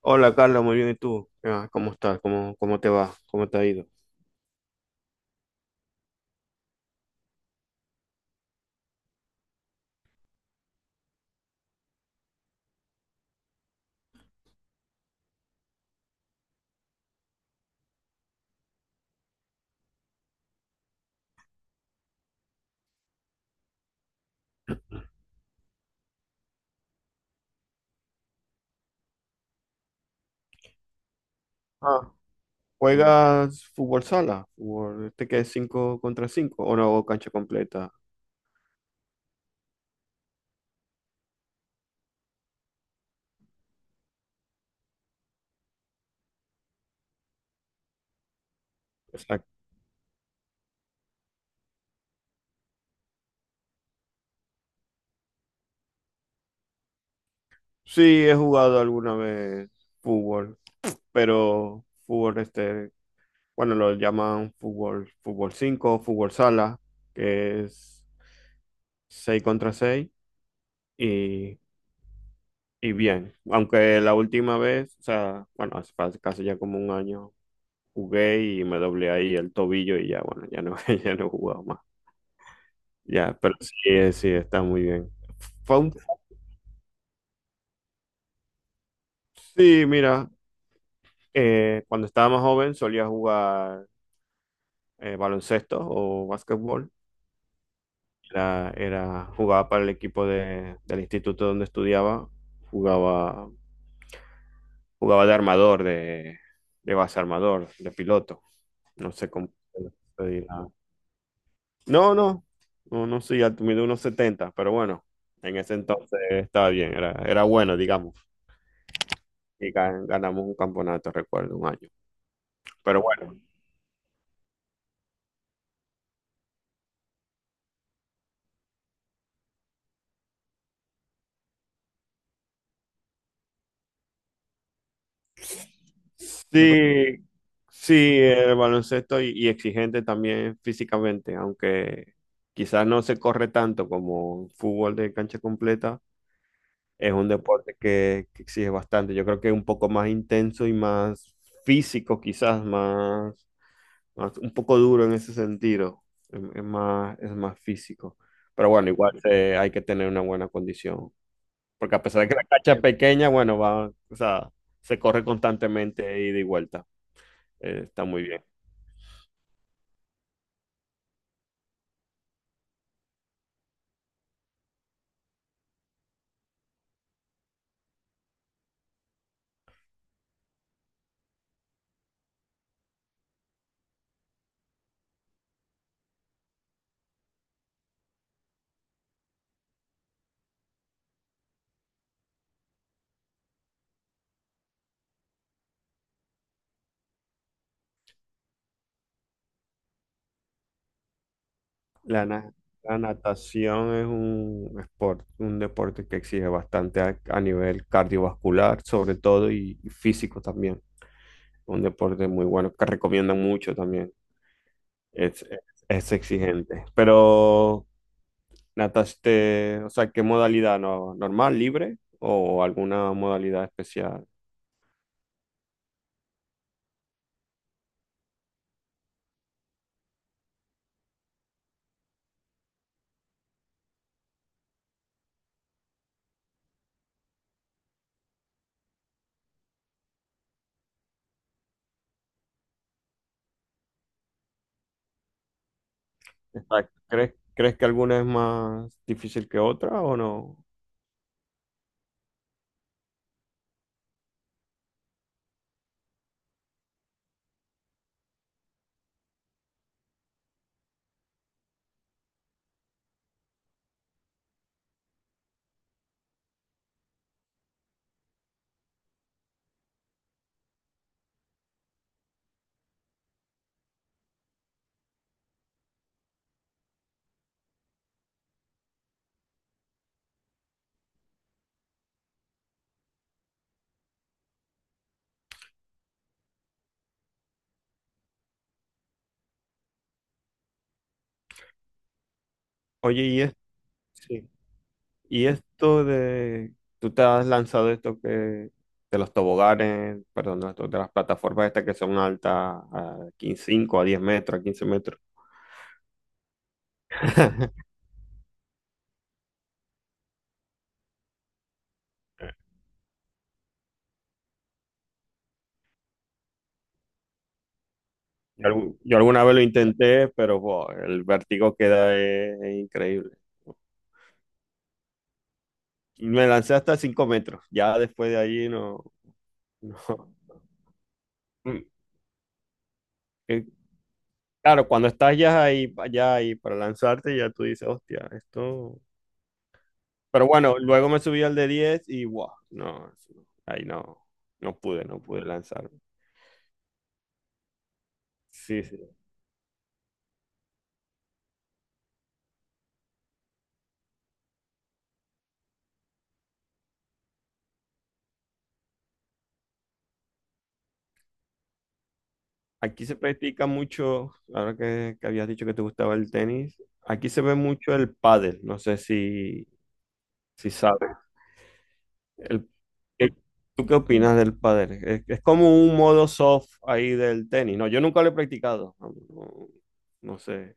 Hola Carlos, muy bien. ¿Y tú? Ah, ¿cómo estás? ¿Cómo te va? ¿Cómo te ha ido? Ah, ¿juegas fútbol sala? ¿Fútbol este que es cinco contra 5 o no, o cancha completa? Exacto. Sí, he jugado alguna vez fútbol, pero fútbol este, bueno, lo llaman fútbol, fútbol 5, fútbol sala, que es 6 contra 6 y, y bien. Aunque la última vez, o sea, bueno, hace casi ya como un año, jugué y me doblé ahí el tobillo y ya, bueno, ya no, ya no he jugado más. Ya, pero sí, está muy bien. Fue un- Sí, mira, cuando estaba más joven solía jugar baloncesto o básquetbol. Jugaba para el equipo del instituto donde estudiaba. Jugaba, jugaba de armador, de base armador, de piloto. No sé cómo se dirá. No, no, no, no soy alto, mido unos 70, pero bueno, en ese entonces estaba bien, era bueno, digamos, y ganamos un campeonato, recuerdo, un año. Pero bueno, sí, sí, el baloncesto y exigente también físicamente, aunque quizás no se corre tanto como fútbol de cancha completa, es un deporte que exige bastante. Yo creo que es un poco más intenso y más físico, quizás un poco duro en ese sentido, es más físico. Pero bueno, igual hay que tener una buena condición, porque a pesar de que la cancha es pequeña, bueno, va, o sea, se corre constantemente de ida y vuelta. Está muy bien. La, na- la natación es un sport, un deporte que exige bastante a nivel cardiovascular, sobre todo, y físico también. Un deporte muy bueno que recomiendan mucho también. Es, es, es exigente. Pero ¿nataste? O sea, ¿qué modalidad? ¿No, normal, libre o alguna modalidad especial? ¿Crees que alguna es más difícil que otra o no? Oye, sí. Y esto de, tú te has lanzado esto que, de los toboganes, perdón, de las plataformas estas que son altas a 15, 5 a 10 metros, a 15 metros. Yo alguna vez lo intenté, pero buah, el vértigo que da es increíble. Me lancé hasta 5 metros. Ya después de ahí no, no. Mm, Eh, Claro, cuando estás ya ahí para lanzarte, ya tú dices, hostia, esto. Pero bueno, luego me subí al de 10 y wow, no, no, ahí no, no pude lanzarme. Sí, sí. Aquí se practica mucho, ahora que habías dicho que te gustaba el tenis. Aquí se ve mucho el pádel, no sé si sabes. El- ¿qué- ¿Tú qué opinas del pádel? Es como un modo soft ahí del tenis. No, yo nunca lo he practicado. No, no sé.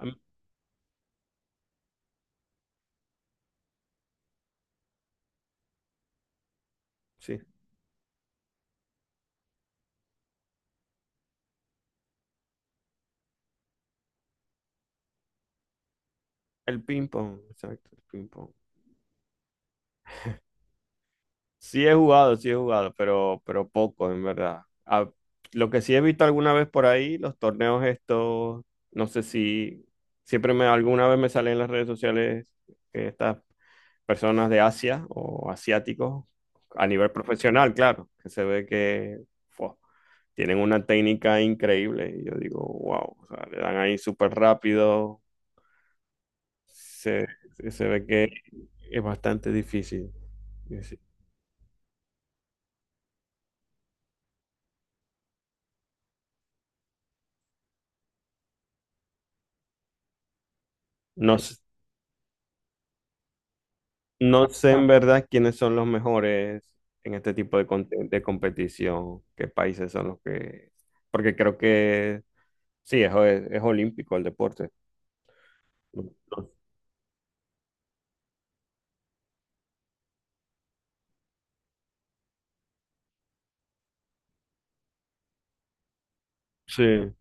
A mí- Sí, el ping pong, exacto, el ping pong. Sí he jugado, pero poco, en verdad. Ah, lo que sí he visto alguna vez por ahí, los torneos estos, no sé si siempre me alguna vez me salen en las redes sociales que estas personas de Asia o asiáticos a nivel profesional, claro, que se ve que fua, tienen una técnica increíble. Y yo digo, wow, o sea, le dan ahí súper rápido, se, se ve que es bastante difícil. Y sí. No, no sé en verdad quiénes son los mejores en este tipo de competición, qué países son los que... Porque creo que sí, es olímpico el deporte. No- no- Sí.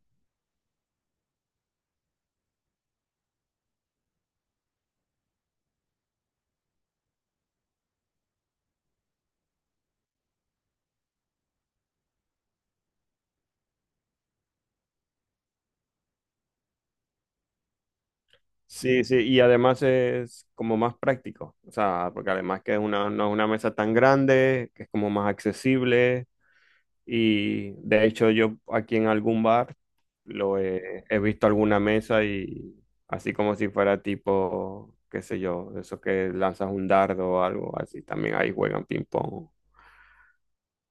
Sí, sí, y además es como más práctico, o sea, porque además que es una, no es una mesa tan grande, que es como más accesible, y de hecho yo aquí en algún bar lo he visto alguna mesa, y así como si fuera tipo, qué sé yo, de esos que lanzas un dardo o algo así, también ahí juegan ping pong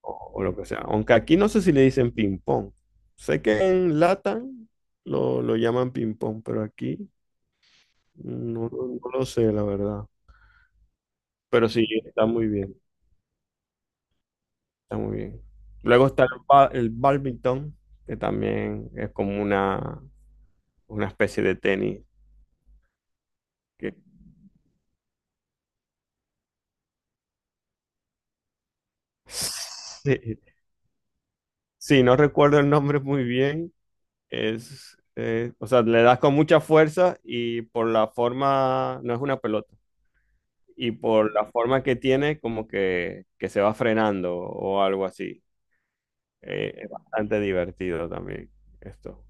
o lo que sea. Aunque aquí no sé si le dicen ping pong, sé que en Latam lo llaman ping pong, pero aquí no lo sé, la verdad. Pero sí, está muy bien, está muy bien. Luego está el bádminton, que también es como una especie de tenis. Que... Sí, sí, no recuerdo el nombre muy bien. O sea, le das con mucha fuerza y por la forma, no es una pelota, y por la forma que tiene, como que se va frenando o algo así. Es bastante divertido también esto.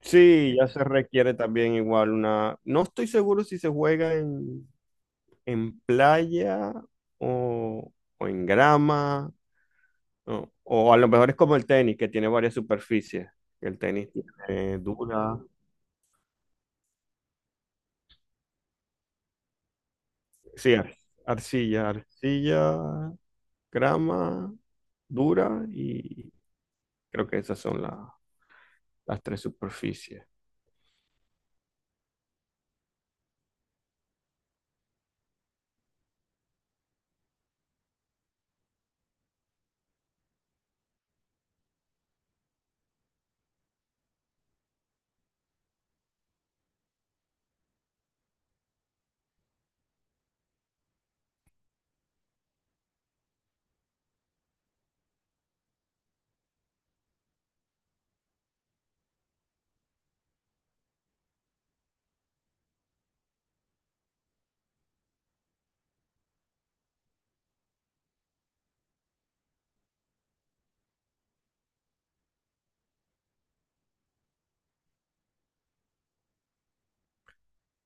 Sí, ya se requiere también igual una. No estoy seguro si se juega en playa, o, o en grama, o a lo mejor es como el tenis, que tiene varias superficies. El tenis tiene dura, sí, arcilla, grama, dura, y creo que esas son las tres superficies.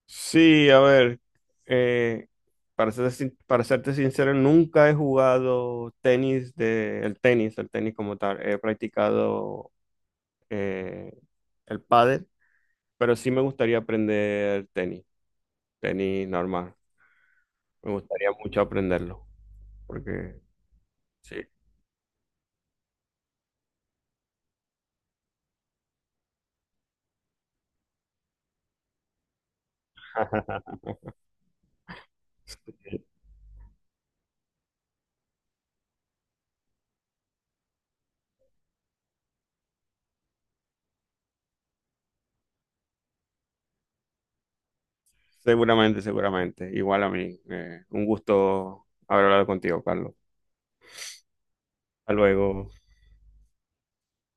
Sí, a ver, eh, para serte sincero, nunca he jugado tenis de, el tenis como tal. He practicado eh, el pádel, pero sí me gustaría aprender tenis, tenis normal. Me gustaría mucho aprenderlo, porque sí. Seguramente, seguramente. Igual a mí, un gusto haber hablado contigo, Carlos. Hasta luego.